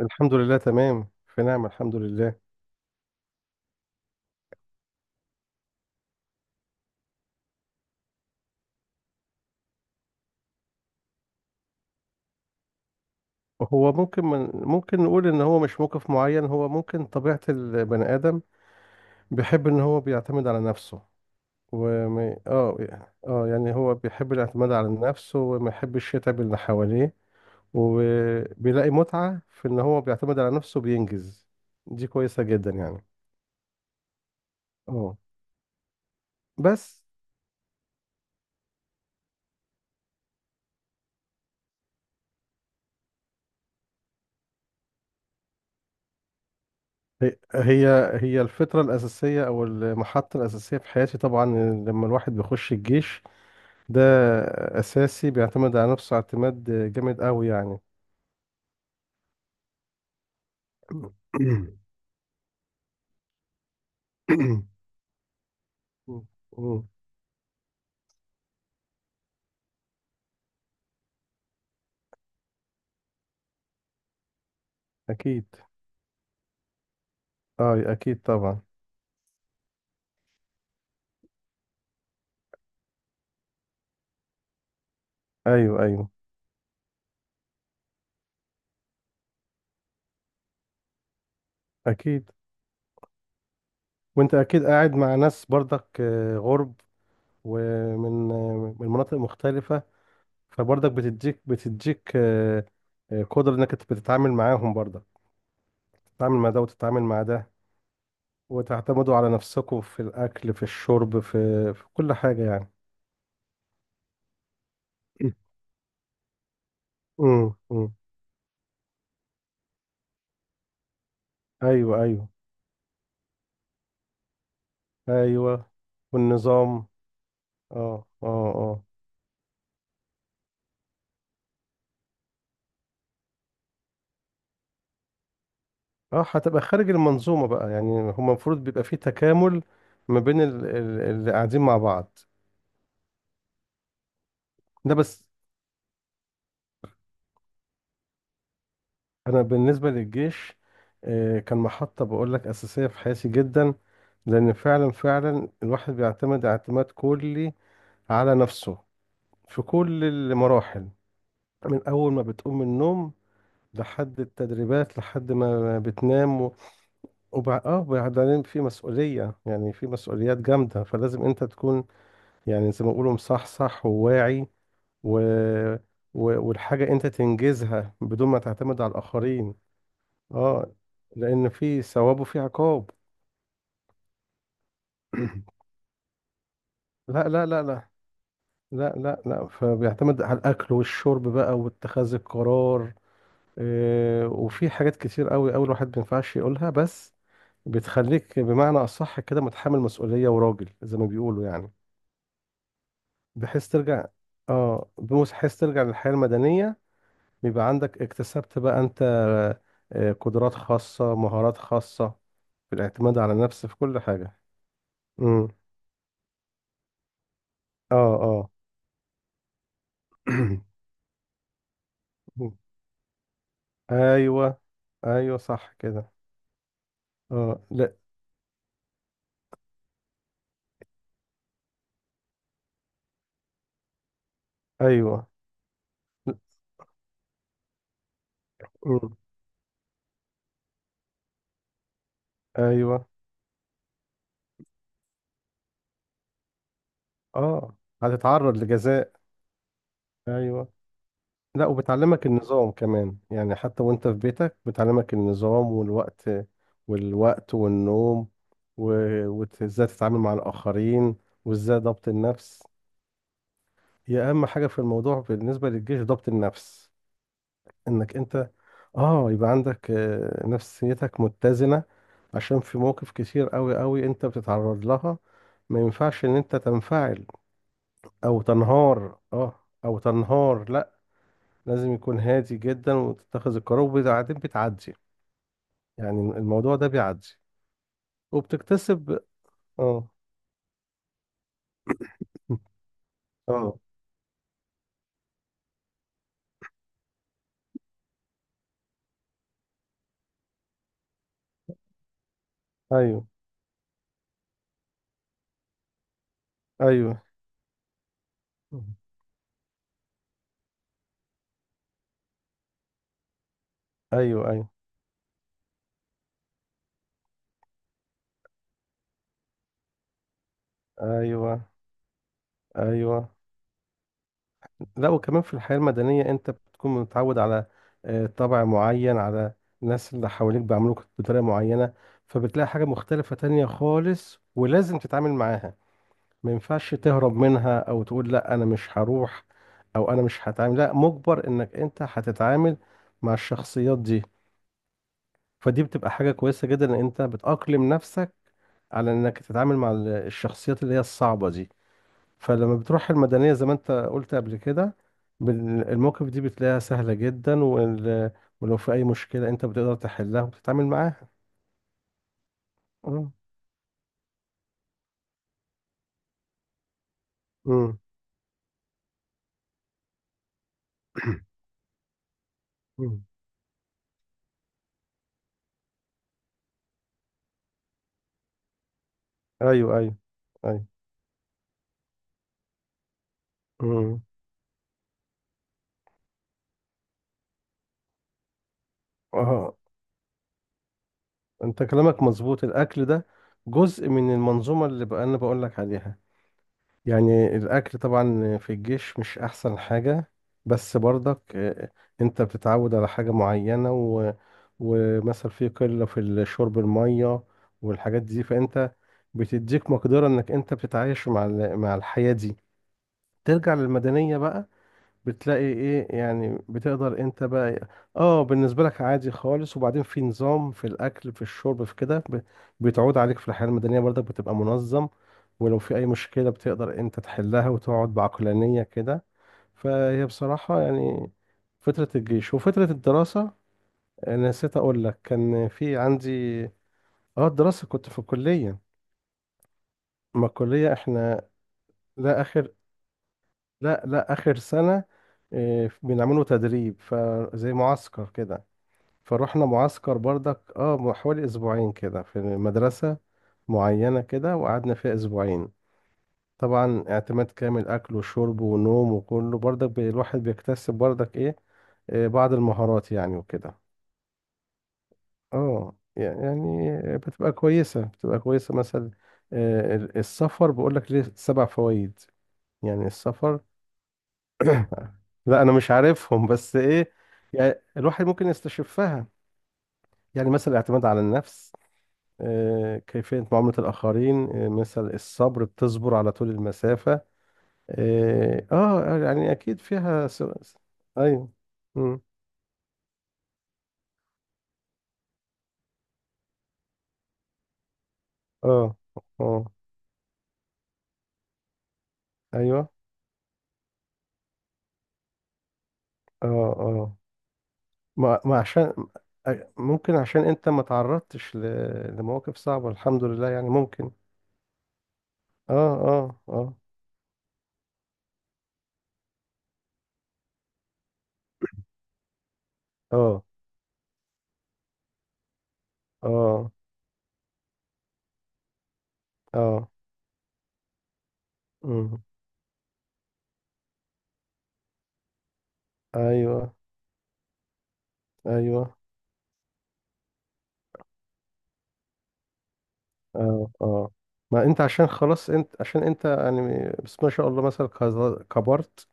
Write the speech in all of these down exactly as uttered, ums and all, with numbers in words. الحمد لله، تمام، في، نعم، الحمد لله. هو ممكن من ممكن نقول ان هو مش موقف معين، هو ممكن طبيعة البني آدم بيحب ان هو بيعتمد على نفسه. وما اه اه يعني هو بيحب الاعتماد على نفسه وما يحبش يتعب اللي حواليه، وبيلاقي متعة في ان هو بيعتمد على نفسه بينجز. دي كويسة جدا يعني. اه، بس هي هي هي الفطرة الأساسية أو المحطة الأساسية في حياتي طبعا، لما الواحد بيخش الجيش ده أساسي بيعتمد على نفسه اعتماد جامد قوي يعني. مم. أكيد. أه، أكيد طبعا. أيوه أيوه. أكيد. وأنت أكيد قاعد مع ناس برضك آه، غرب، ومن آه، من مناطق مختلفة. فبرضك بتديك بتديك آه، آه، قدرة إنك أنت بتتعامل معاهم برضك، تتعامل مع ده وتتعامل مع ده. وتعتمدوا على نفسكم في الأكل في الشرب في, في كل حاجة يعني. مم. مم. أيوه أيوه. ايوه والنظام. اه اه اه اه. هتبقى خارج المنظومة بقى، يعني هو المفروض بيبقى فيه تكامل ما بين ال- ال- اللي قاعدين مع بعض. ده بس. انا بالنسبة للجيش، آه، كان محطة بقول لك أساسية في حياتي جدا، لأن فعلا فعلا الواحد بيعتمد اعتماد كلي على نفسه في كل المراحل، من أول ما بتقوم من النوم لحد التدريبات لحد ما بتنام. وبع... اه وبعدين في مسؤولية، يعني في مسؤوليات جامدة، فلازم انت تكون يعني زي ما بيقولوا مصحصح وواعي. و... و... والحاجة انت تنجزها بدون ما تعتمد على الآخرين. اه، لأن في ثواب وفي عقاب. لا لا لا لا، لا لا لا. فبيعتمد على الأكل والشرب بقى واتخاذ القرار. آه، وفي حاجات كتير قوي قوي الواحد ما ينفعش يقولها، بس بتخليك بمعنى أصح كده متحمل مسؤولية وراجل زي ما بيقولوا يعني. بحيث ترجع، اه بحيث ترجع للحياة المدنية بيبقى عندك اكتسبت بقى انت آه، قدرات خاصة، مهارات خاصة في الاعتماد على النفس في كل حاجة. امم. اه اه. ايوه ايوه، صح كده. اه، لا. ايوه. مم. ايوه. اه، هتتعرض لجزاء. ايوه. لا، وبتعلمك النظام كمان، يعني حتى وانت في بيتك بتعلمك النظام والوقت والوقت والنوم، و- وازاي تتعامل مع الآخرين، وازاي ضبط النفس. هي أهم حاجة في الموضوع بالنسبة للجيش ضبط النفس، انك انت اه يبقى عندك آه، نفسيتك متزنة، عشان في مواقف كتير قوي قوي انت بتتعرض لها، ما ينفعش ان انت تنفعل او تنهار. اه او تنهار لا، لازم يكون هادي جدا وتتخذ القرار وبعدين بتعدي يعني. الموضوع ده بيعدي وبتكتسب. اه. اه، ايوه ايوه ايوه ايوه ايوه ايوه. لا، وكمان في الحياه المدنيه انت بتكون متعود على آه، طبع معين، على الناس اللي حواليك بيعاملوك بطريقه معينه، فبتلاقي حاجه مختلفه تانية خالص ولازم تتعامل معاها. ما ينفعش تهرب منها او تقول لا انا مش هروح، او انا مش هتعامل، لا مجبر انك انت هتتعامل مع الشخصيات دي. فدي بتبقى حاجة كويسة جدا ان انت بتأقلم نفسك على انك تتعامل مع ال- الشخصيات اللي هي الصعبة دي. فلما بتروح المدنية زي ما انت قلت قبل كده بال- المواقف دي بتلاقيها سهلة جدا، وال... ولو في اي مشكلة انت بتقدر تحلها وبتتعامل معاها. مم. مم. مم. ايوه ايوه ايوه. مم. اه، انت كلامك مظبوط. الاكل ده جزء من المنظومه اللي بقى انا بقول لك عليها. يعني الاكل طبعا في الجيش مش احسن حاجه، بس برضك آه، انت بتتعود على حاجه معينه. و... ومثلا في قله في الشرب الميه والحاجات دي، فانت بتديك مقدره انك انت بتتعايش مع ال... مع الحياه دي. ترجع للمدنيه بقى بتلاقي ايه يعني، بتقدر انت بقى. اه، بالنسبة لك عادي خالص. وبعدين في نظام في الاكل في الشرب في كده، ب- بتعود عليك في الحياة المدنية برضك بتبقى منظم، ولو في اي مشكلة بتقدر انت تحلها وتقعد بعقلانية كده. فهي بصراحة يعني فترة الجيش وفترة الدراسة. أنا نسيت اقول لك كان في عندي، اه الدراسة، كنت في الكلية. ما الكلية احنا لا اخر، لا لا اخر سنة، إيه، بنعمله تدريب فزي معسكر كده. فروحنا معسكر برضك اه م- حوالي اسبوعين كده في مدرسة معينة كده، وقعدنا فيها اسبوعين. طبعا اعتماد كامل، اكل وشرب ونوم وكله برضك بي- الواحد بيكتسب برضك ايه آه، بعض المهارات يعني وكده. اه يعني بتبقى كويسة، بتبقى كويسة مثلا آه، ال- السفر بقولك ليه سبع فوائد، يعني السفر. لا انا مش عارفهم بس ايه، يعني الواحد ممكن يستشفها. يعني مثلا الاعتماد على النفس، آه، كيفية معاملة الآخرين، آه، مثل الصبر بتصبر على طول المسافة. آه آه آه، يعني أكيد فيها س... س- أيوه. مم. آه آه. أيوه. آه آه. ما ما عشان أي- ممكن عشان أنت ما تعرضتش ل... لمواقف صعبة، الحمد لله يعني ممكن. آه آه آه آه آه آه. مم. أيوه أيوه. اه اه، ما انت عشان خلاص انت عشان انت يعني، بس ما شاء الله مثلا كز- كبرت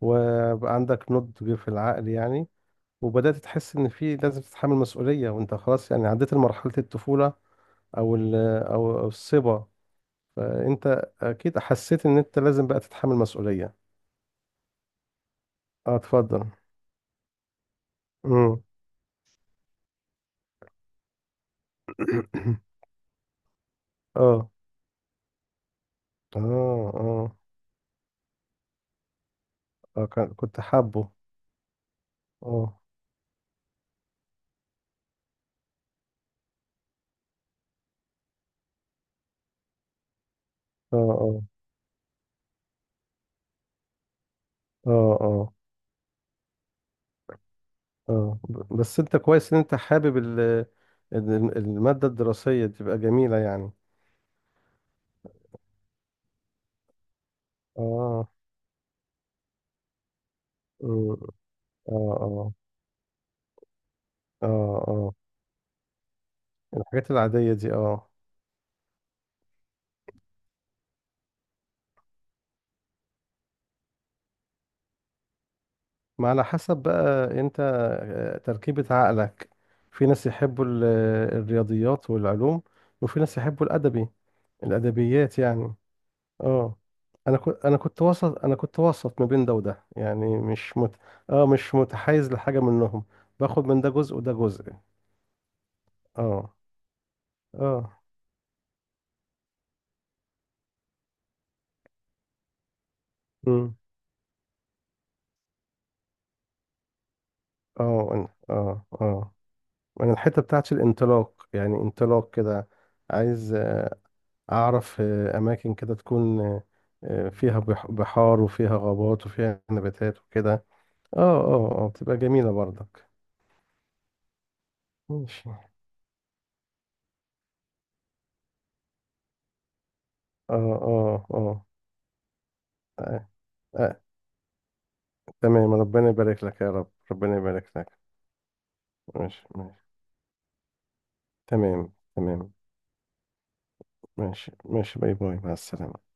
وبقى عندك نضج في العقل يعني، وبدأت تحس ان في لازم تتحمل مسؤولية وانت خلاص يعني عديت مرحلة الطفولة، او ال- او أو الصبا. فانت اكيد حسيت ان انت لازم بقى تتحمل مسؤولية. اه، اتفضل. امم. اه اه اه اه. كان- كنت حابه. اه اه اه اه اه اه. ب- بس انت كويس ان انت حابب ال ال- المادة الدراسية تبقى جميلة يعني. اه. أمم. اه اه اه اه. الحاجات العادية دي اه. ما على حسب بقى انت آه، تركيبة عقلك. في ناس يحبوا ال- الرياضيات والعلوم، وفي ناس يحبوا الأدبي، الأدبيات يعني. اه. انا كنت انا كنت وسط انا كنت وسط ما بين ده وده، يعني مش مت... اه مش متحيز لحاجة منهم، باخد من ده جزء وده جزء. اه اه. امم. اه. أنا- اه اه انا الحته بتاعت الانطلاق، يعني انطلاق كده، عايز اعرف آه، اماكن كده تكون آه، آه، فيها بح- بحار وفيها غابات وفيها نباتات وكده. اه اه اه، بتبقى جميله برضك. ماشي اه. اه اه. آه، آه، تمام، ربنا يبارك لك يا رب، ربنا يبارك لك. ماشي ماشي، تمام تمام. ماشي ماشي، باي باي، مع السلامه.